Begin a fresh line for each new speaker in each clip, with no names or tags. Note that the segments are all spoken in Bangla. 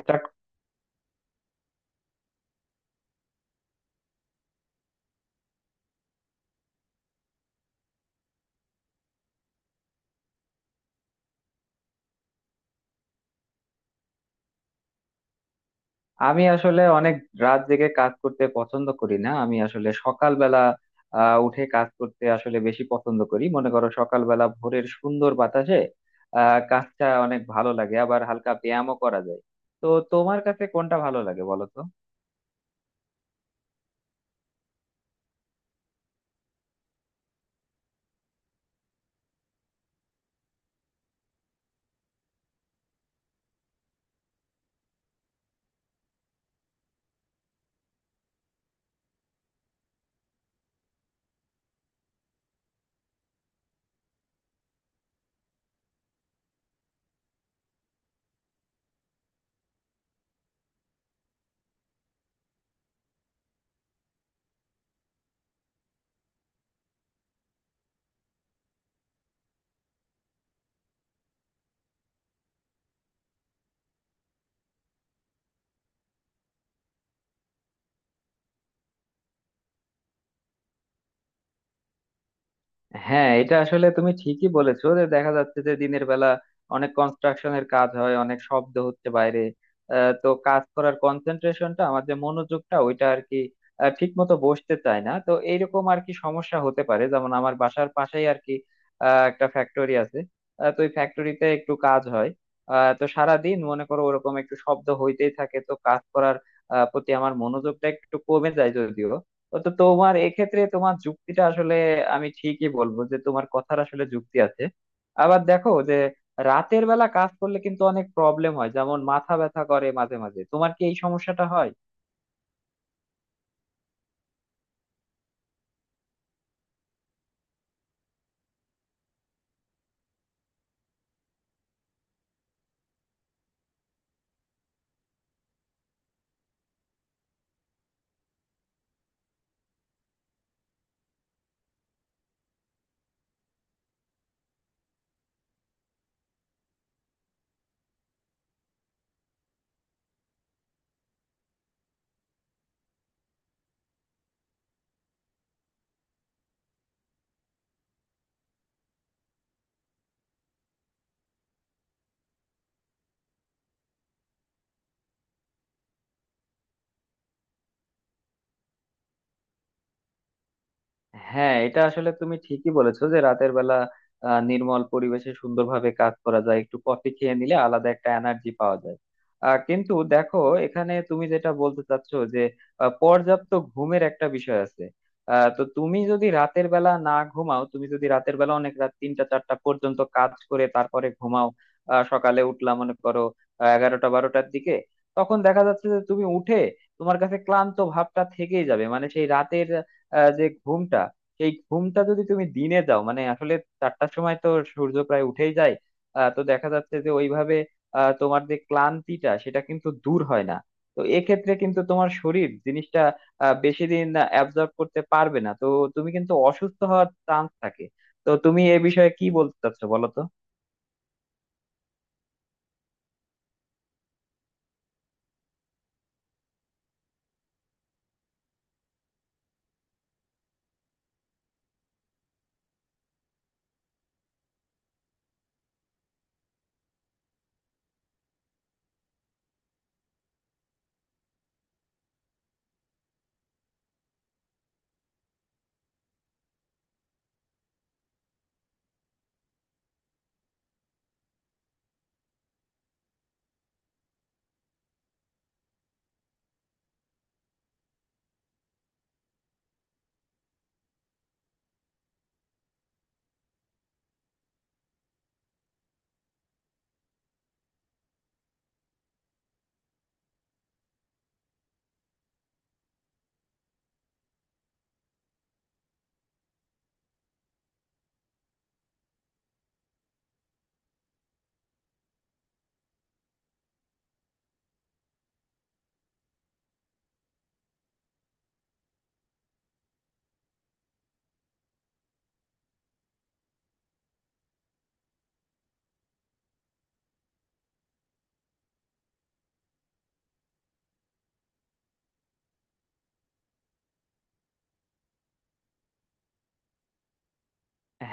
স্টার্ট। আমি আসলে অনেক রাত জেগে কাজ করতে পছন্দ করি না। আমি আসলে সকালবেলা উঠে কাজ করতে আসলে বেশি পছন্দ করি। মনে করো সকালবেলা ভোরের সুন্দর বাতাসে কাজটা অনেক ভালো লাগে, আবার হালকা ব্যায়ামও করা যায়। তো তোমার কাছে কোনটা ভালো লাগে বলো তো? হ্যাঁ, এটা আসলে তুমি ঠিকই বলেছো যে দেখা যাচ্ছে যে দিনের বেলা অনেক কনস্ট্রাকশনের কাজ হয়, অনেক শব্দ হচ্ছে বাইরে। তো কাজ করার কনসেন্ট্রেশনটা, আমার যে মনোযোগটা ওইটা আর কি ঠিক মতো বসতে চায় না। তো এইরকম আর কি সমস্যা হতে পারে। যেমন আমার বাসার পাশেই আর কি একটা ফ্যাক্টরি আছে। তো ওই ফ্যাক্টরিতে একটু কাজ হয়। তো সারা দিন মনে করো ওরকম একটু শব্দ হইতেই থাকে। তো কাজ করার প্রতি আমার মনোযোগটা একটু কমে যায় যদিও। তো তোমার এক্ষেত্রে তোমার যুক্তিটা আসলে আমি ঠিকই বলবো যে তোমার কথার আসলে যুক্তি আছে। আবার দেখো যে রাতের বেলা কাজ করলে কিন্তু অনেক প্রবলেম হয়, যেমন মাথা ব্যথা করে মাঝে মাঝে। তোমার কি এই সমস্যাটা হয়? হ্যাঁ, এটা আসলে তুমি ঠিকই বলেছো যে রাতের বেলা নির্মল পরিবেশে সুন্দরভাবে কাজ করা যায়, একটু কফি খেয়ে নিলে আলাদা একটা এনার্জি পাওয়া যায়। কিন্তু দেখো, এখানে তুমি যেটা বলতে চাচ্ছো যে পর্যাপ্ত ঘুমের একটা বিষয় আছে। তো তুমি যদি রাতের বেলা না ঘুমাও, তুমি যদি রাতের বেলা অনেক রাত 3টা 4টা পর্যন্ত কাজ করে তারপরে ঘুমাও, সকালে উঠলাম মনে করো 11টা 12টার দিকে, তখন দেখা যাচ্ছে যে তুমি উঠে, তোমার কাছে ক্লান্ত ভাবটা থেকেই যাবে। মানে সেই রাতের যে ঘুমটা, সেই ঘুমটা যদি তুমি দিনে দাও, মানে আসলে 4টার সময় তো সূর্য প্রায় উঠেই যায়। তো দেখা যাচ্ছে যে ওইভাবে তোমার যে ক্লান্তিটা সেটা কিন্তু দূর হয় না। তো এক্ষেত্রে কিন্তু তোমার শরীর জিনিসটা বেশি দিন অ্যাবজর্ব করতে পারবে না। তো তুমি কিন্তু অসুস্থ হওয়ার চান্স থাকে। তো তুমি এ বিষয়ে কি বলতে চাচ্ছো বলো তো?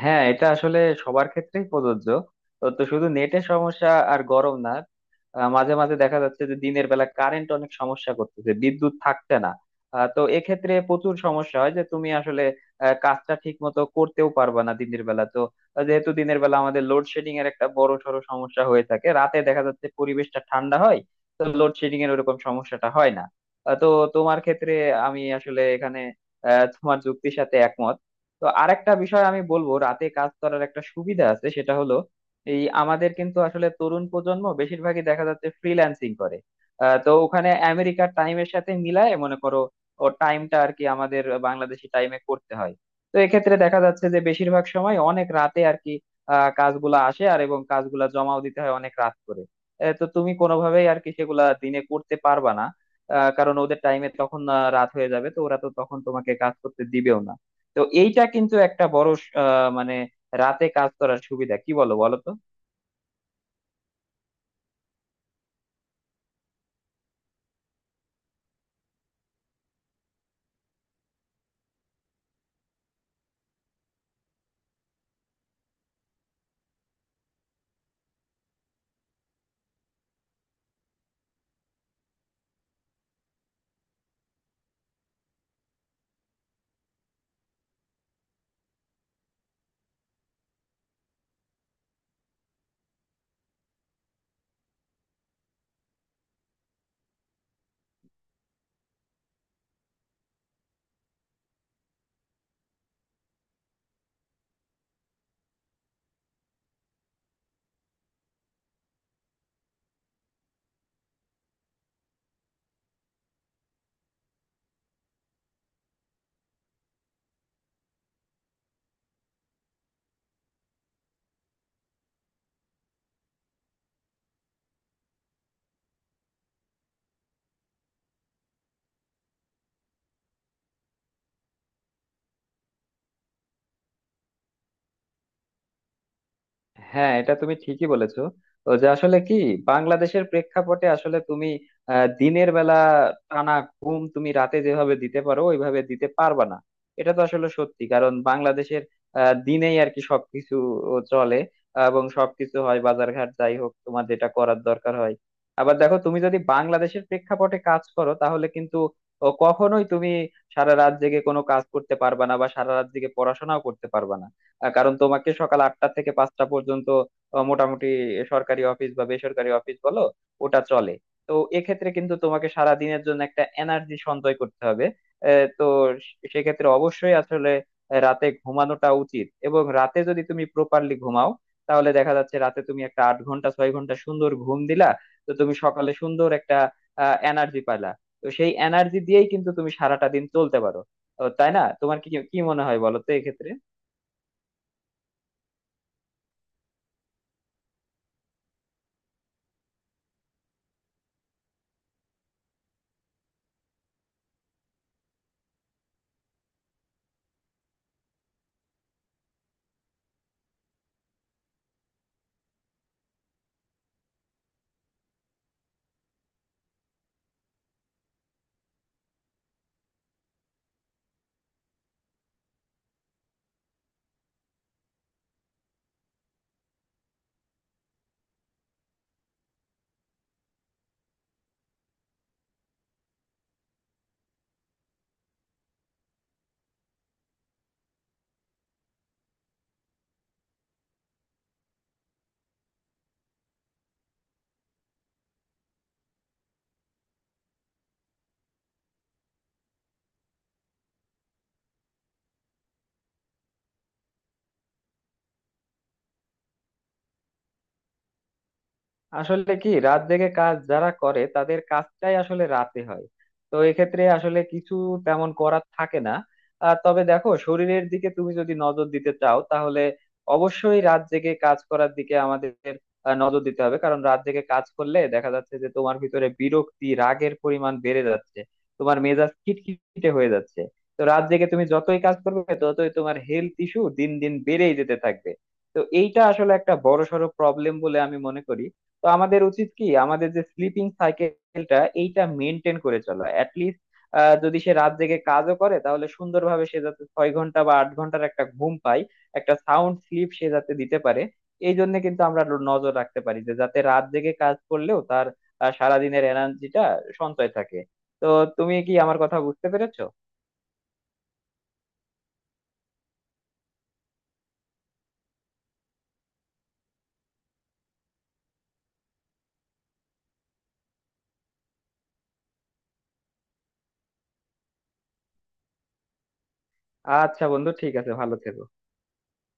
হ্যাঁ, এটা আসলে সবার ক্ষেত্রেই প্রযোজ্য। তো তো শুধু নেটের সমস্যা আর গরম না। মাঝে মাঝে দেখা যাচ্ছে যে দিনের বেলা কারেন্ট অনেক সমস্যা করতেছে, বিদ্যুৎ থাকছে না। তো এক্ষেত্রে প্রচুর সমস্যা হয় যে তুমি আসলে কাজটা ঠিক মতো করতেও পারবা না দিনের বেলা। তো যেহেতু দিনের বেলা আমাদের লোডশেডিং এর একটা বড় সড়ো সমস্যা হয়ে থাকে, রাতে দেখা যাচ্ছে পরিবেশটা ঠান্ডা হয়, তো লোডশেডিং এর ওরকম সমস্যাটা হয় না। তো তোমার ক্ষেত্রে আমি আসলে এখানে তোমার যুক্তির সাথে একমত। তো আরেকটা বিষয় আমি বলবো, রাতে কাজ করার একটা সুবিধা আছে। সেটা হলো এই, আমাদের কিন্তু আসলে তরুণ প্রজন্ম বেশিরভাগই দেখা যাচ্ছে ফ্রিল্যান্সিং করে। তো ওখানে আমেরিকার টাইমের সাথে মিলায় মনে করো ও টাইমটা আর কি আমাদের বাংলাদেশি টাইমে করতে হয়। তো এক্ষেত্রে দেখা যাচ্ছে যে বেশিরভাগ সময় অনেক রাতে আর কি কাজগুলা আসে আর এবং কাজগুলা জমাও দিতে হয় অনেক রাত করে। তো তুমি কোনোভাবেই আর কি সেগুলা দিনে করতে পারবা না। কারণ ওদের টাইমে তখন রাত হয়ে যাবে, তো ওরা তো তখন তোমাকে কাজ করতে দিবেও না। তো এইটা কিন্তু একটা বড় স- আহ মানে রাতে কাজ করার সুবিধা কি, বলো বলো তো? হ্যাঁ, এটা তুমি ঠিকই বলেছো। তো যে আসলে কি, বাংলাদেশের প্রেক্ষাপটে আসলে তুমি দিনের বেলা টানা ঘুম তুমি রাতে যেভাবে দিতে পারো ওইভাবে দিতে পারবা না। এটা তো আসলে সত্যি। কারণ বাংলাদেশের দিনেই আর কি সবকিছু চলে, এবং সবকিছু হয় বাজারঘাট যাই হোক তোমার যেটা করার দরকার হয়। আবার দেখো, তুমি যদি বাংলাদেশের প্রেক্ষাপটে কাজ করো তাহলে কিন্তু ও, কখনোই তুমি সারা রাত জেগে কোনো কাজ করতে পারবা না, বা সারা রাত জেগে পড়াশোনাও করতে পারবা না। কারণ তোমাকে সকাল 8টা থেকে 5টা পর্যন্ত মোটামুটি সরকারি অফিস বা বেসরকারি অফিস বলো, ওটা চলে। তো এক্ষেত্রে কিন্তু তোমাকে সারা দিনের জন্য একটা এনার্জি সঞ্চয় করতে হবে। তো সেক্ষেত্রে অবশ্যই আসলে রাতে ঘুমানোটা উচিত। এবং রাতে যদি তুমি প্রপারলি ঘুমাও, তাহলে দেখা যাচ্ছে রাতে তুমি একটা 8 ঘন্টা 6 ঘন্টা সুন্দর ঘুম দিলা, তো তুমি সকালে সুন্দর একটা এনার্জি পাইলা। তো সেই এনার্জি দিয়েই কিন্তু তুমি সারাটা দিন চলতে পারো, ও, তাই না? তোমার কি কি মনে হয় বলো তো এক্ষেত্রে? আসলে কি, রাত জেগে কাজ যারা করে তাদের কাজটাই আসলে রাতে হয়। তো এক্ষেত্রে আসলে কিছু তেমন করার থাকে না। তবে দেখো, শরীরের দিকে তুমি যদি নজর দিতে চাও তাহলে অবশ্যই রাত জেগে কাজ করার দিকে আমাদের নজর দিতে হবে। কারণ রাত জেগে কাজ করলে দেখা যাচ্ছে যে তোমার ভিতরে বিরক্তি, রাগের পরিমাণ বেড়ে যাচ্ছে, তোমার মেজাজ খিটখিটে হয়ে যাচ্ছে। তো রাত জেগে তুমি যতই কাজ করবে ততই তোমার হেলথ ইস্যু দিন দিন বেড়েই যেতে থাকবে। তো এইটা আসলে একটা বড়সড় প্রবলেম বলে আমি মনে করি। তো আমাদের উচিত কি, আমাদের যে স্লিপিং সাইকেলটা এইটা মেনটেন করে চলা। অ্যাটলিস্ট যদি সে রাত জেগে কাজও করে তাহলে সুন্দরভাবে সে যাতে 6 ঘন্টা বা 8 ঘন্টার একটা ঘুম পায়, একটা সাউন্ড স্লিপ সে যাতে দিতে পারে। এই জন্য কিন্তু আমরা নজর রাখতে পারি যে যাতে রাত জেগে কাজ করলেও তার সারাদিনের এনার্জিটা সঞ্চয় থাকে। তো তুমি কি আমার কথা বুঝতে পেরেছো? আচ্ছা বন্ধু, ঠিক আছে, ভালো থেকো।